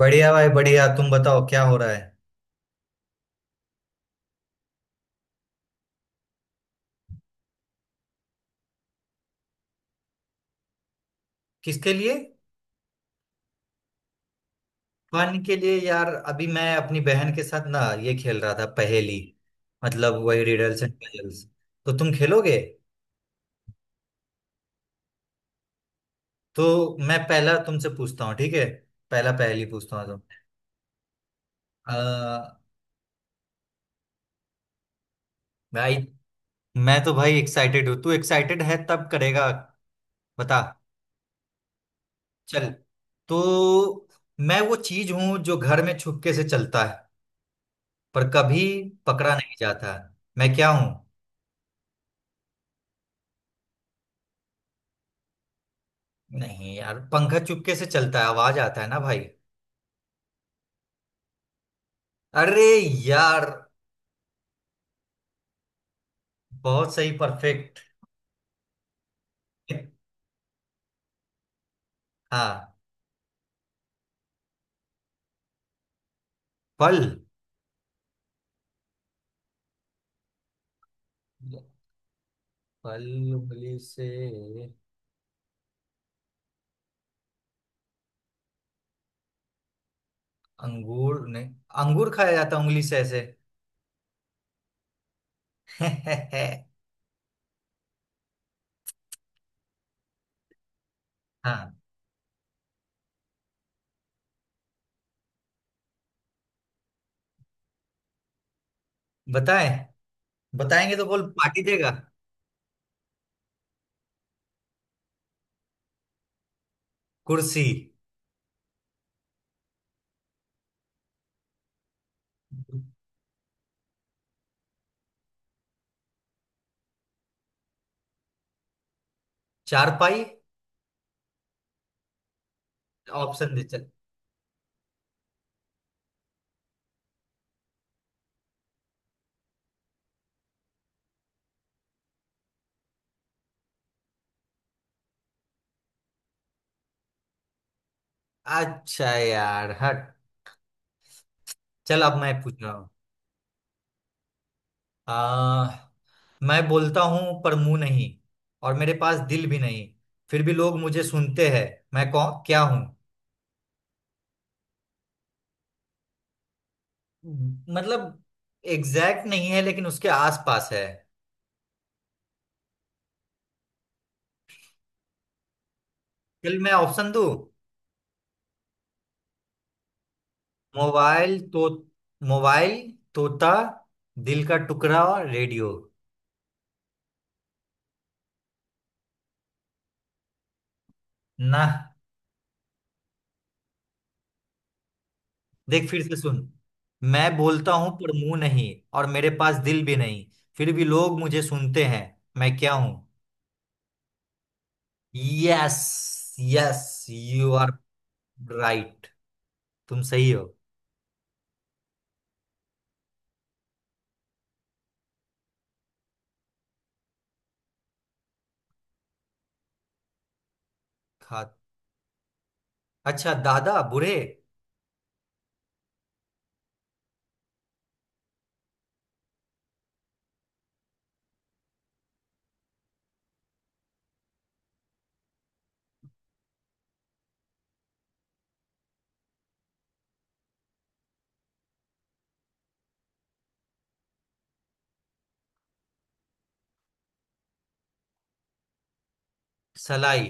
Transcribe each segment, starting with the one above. बढ़िया भाई बढ़िया। तुम बताओ क्या हो रहा है। किसके लिए। पानी के लिए यार। अभी मैं अपनी बहन के साथ ना ये खेल रहा था, पहेली। मतलब वही रिडल्स एंड पजल्स। तो तुम खेलोगे। तो मैं पहला तुमसे पूछता हूँ, ठीक है। पहला पहेली पूछता हूँ तुम। आ, भाई। मैं तो भाई एक्साइटेड हूँ। तू एक्साइटेड है तब करेगा। बता। चल। तो मैं वो चीज हूँ जो घर में छुपके से चलता है, पर कभी पकड़ा नहीं जाता। मैं क्या हूँ। नहीं यार, पंखा चुपके से चलता है, आवाज आता है ना भाई। अरे यार। बहुत सही, परफेक्ट। हाँ। फल। फल उंगली से। अंगूर नहीं। अंगूर खाया जाता है उंगली से ऐसे। हाँ। बताएं। बताएंगे तो बोल, पार्टी देगा। कुर्सी। चारपाई। ऑप्शन दे चल। अच्छा यार, हट। चल अब मैं पूछ रहा हूँ। मैं बोलता हूँ पर मुंह नहीं, और मेरे पास दिल भी नहीं। फिर भी लोग मुझे सुनते हैं। मैं कौन क्या हूँ। मतलब एग्जैक्ट नहीं है, लेकिन उसके आसपास है। चल मैं ऑप्शन दूँ। मोबाइल तो, मोबाइल, तोता, दिल का टुकड़ा और रेडियो। ना। देख फिर से सुन। मैं बोलता हूँ पर मुंह नहीं, और मेरे पास दिल भी नहीं। फिर भी लोग मुझे सुनते हैं। मैं क्या हूँ। Yes yes you are right. तुम सही हो। खा। अच्छा दादा, बुरे। सलाई।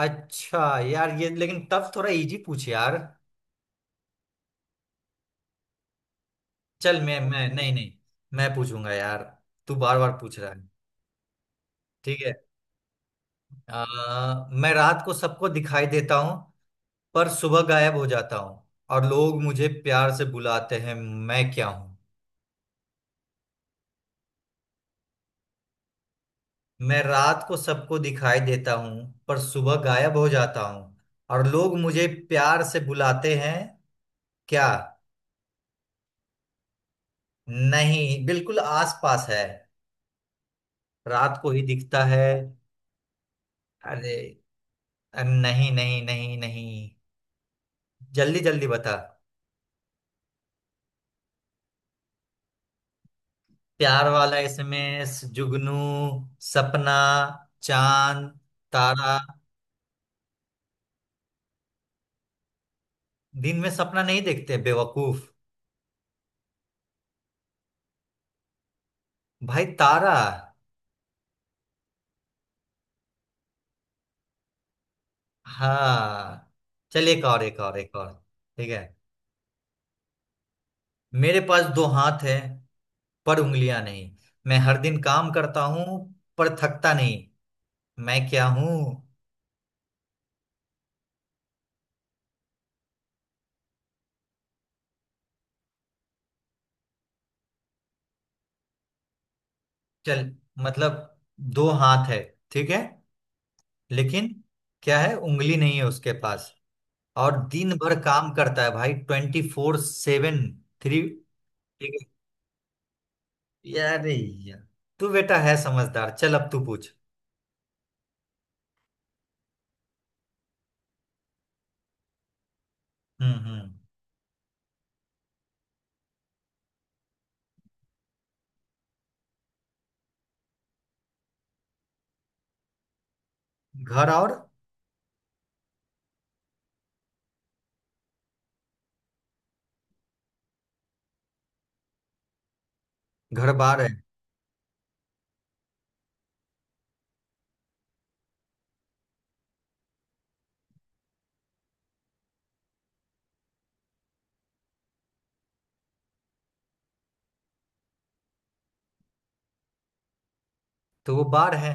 अच्छा यार, ये लेकिन टफ। थोड़ा इजी पूछ यार। चल मैं नहीं नहीं, मैं पूछूंगा यार। तू बार बार पूछ रहा है। ठीक है। आ, मैं रात को सबको दिखाई देता हूँ, पर सुबह गायब हो जाता हूँ। और लोग मुझे प्यार से बुलाते हैं। मैं क्या हूँ। मैं रात को सबको दिखाई देता हूँ, पर सुबह गायब हो जाता हूँ। और लोग मुझे प्यार से बुलाते हैं। क्या। नहीं, बिल्कुल आसपास है। रात को ही दिखता है। अरे, अरे नहीं नहीं नहीं नहीं। जल्दी जल्दी बता। प्यार वाला इसमें जुगनू, सपना, चांद, तारा। दिन में सपना नहीं देखते बेवकूफ। भाई तारा। हाँ। चल, एक और एक और एक और। ठीक है। मेरे पास दो हाथ है, पर उंगलियां नहीं। मैं हर दिन काम करता हूँ पर थकता नहीं। मैं क्या हूँ। चल मतलब दो हाथ है, ठीक है। लेकिन क्या है, उंगली नहीं है उसके पास। और दिन भर काम करता है भाई, 24/7 थ्री। ठीक है। यार यार, तू बेटा है समझदार। चल अब तू पूछ। हम्म। घर और घर बार है, तो वो बार है।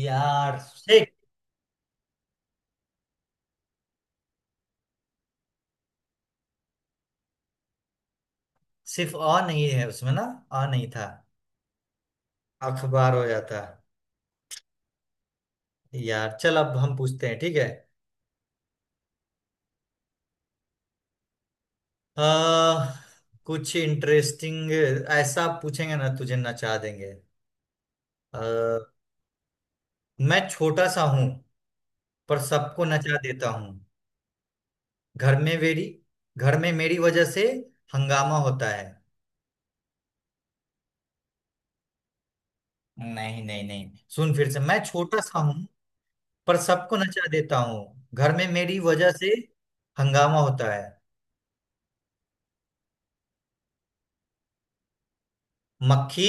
यार शिट। सिर्फ अ नहीं है उसमें ना। अ नहीं था। अखबार हो जाता। यार चल अब हम पूछते हैं, ठीक है। आ, कुछ इंटरेस्टिंग ऐसा पूछेंगे ना तुझे नचा देंगे। आ, मैं छोटा सा हूं, पर सबको नचा देता हूँ। घर में मेरी घर में मेरी वजह से हंगामा होता है। नहीं नहीं नहीं, सुन फिर से। मैं छोटा सा हूं, पर सबको नचा देता हूँ घर में मेरी वजह से। हंगामा होता है। मक्खी,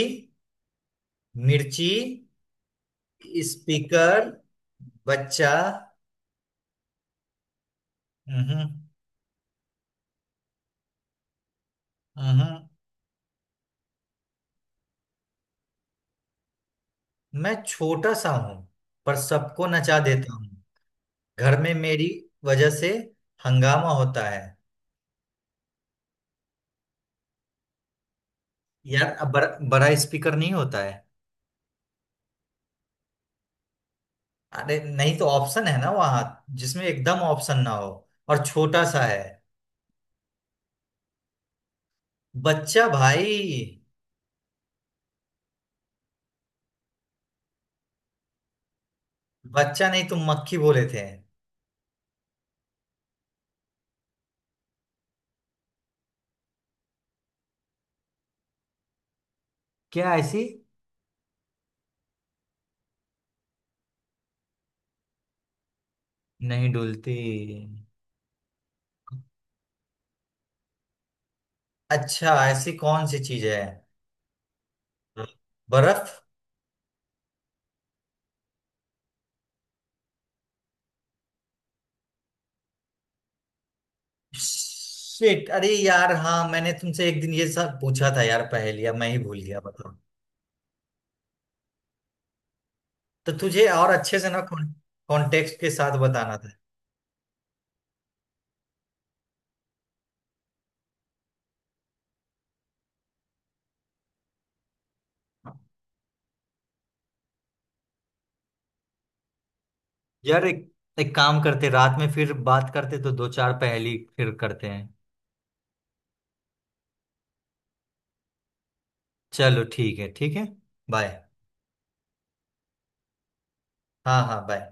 मिर्ची, स्पीकर, बच्चा। हम्म। मैं छोटा सा हूं, पर सबको नचा देता हूँ। घर में मेरी वजह से हंगामा होता है। यार अब बड़ा स्पीकर नहीं होता है। अरे नहीं तो ऑप्शन है ना वहां। जिसमें एकदम ऑप्शन ना हो, और छोटा सा है। बच्चा भाई। बच्चा नहीं, तुम मक्खी बोले थे। क्या ऐसी। नहीं डुलती। अच्छा ऐसी कौन सी चीज है। बर्फ। शिट अरे यार। हाँ मैंने तुमसे एक दिन ये सब पूछा था यार, पहेलिया मैं ही भूल गया बताओ। तो तुझे और अच्छे से ना कॉन्टेक्स्ट के साथ बताना था। यार एक, एक काम करते, रात में फिर बात करते तो दो चार पहेली फिर करते हैं। चलो ठीक है, ठीक है। बाय। हाँ हाँ, बाय।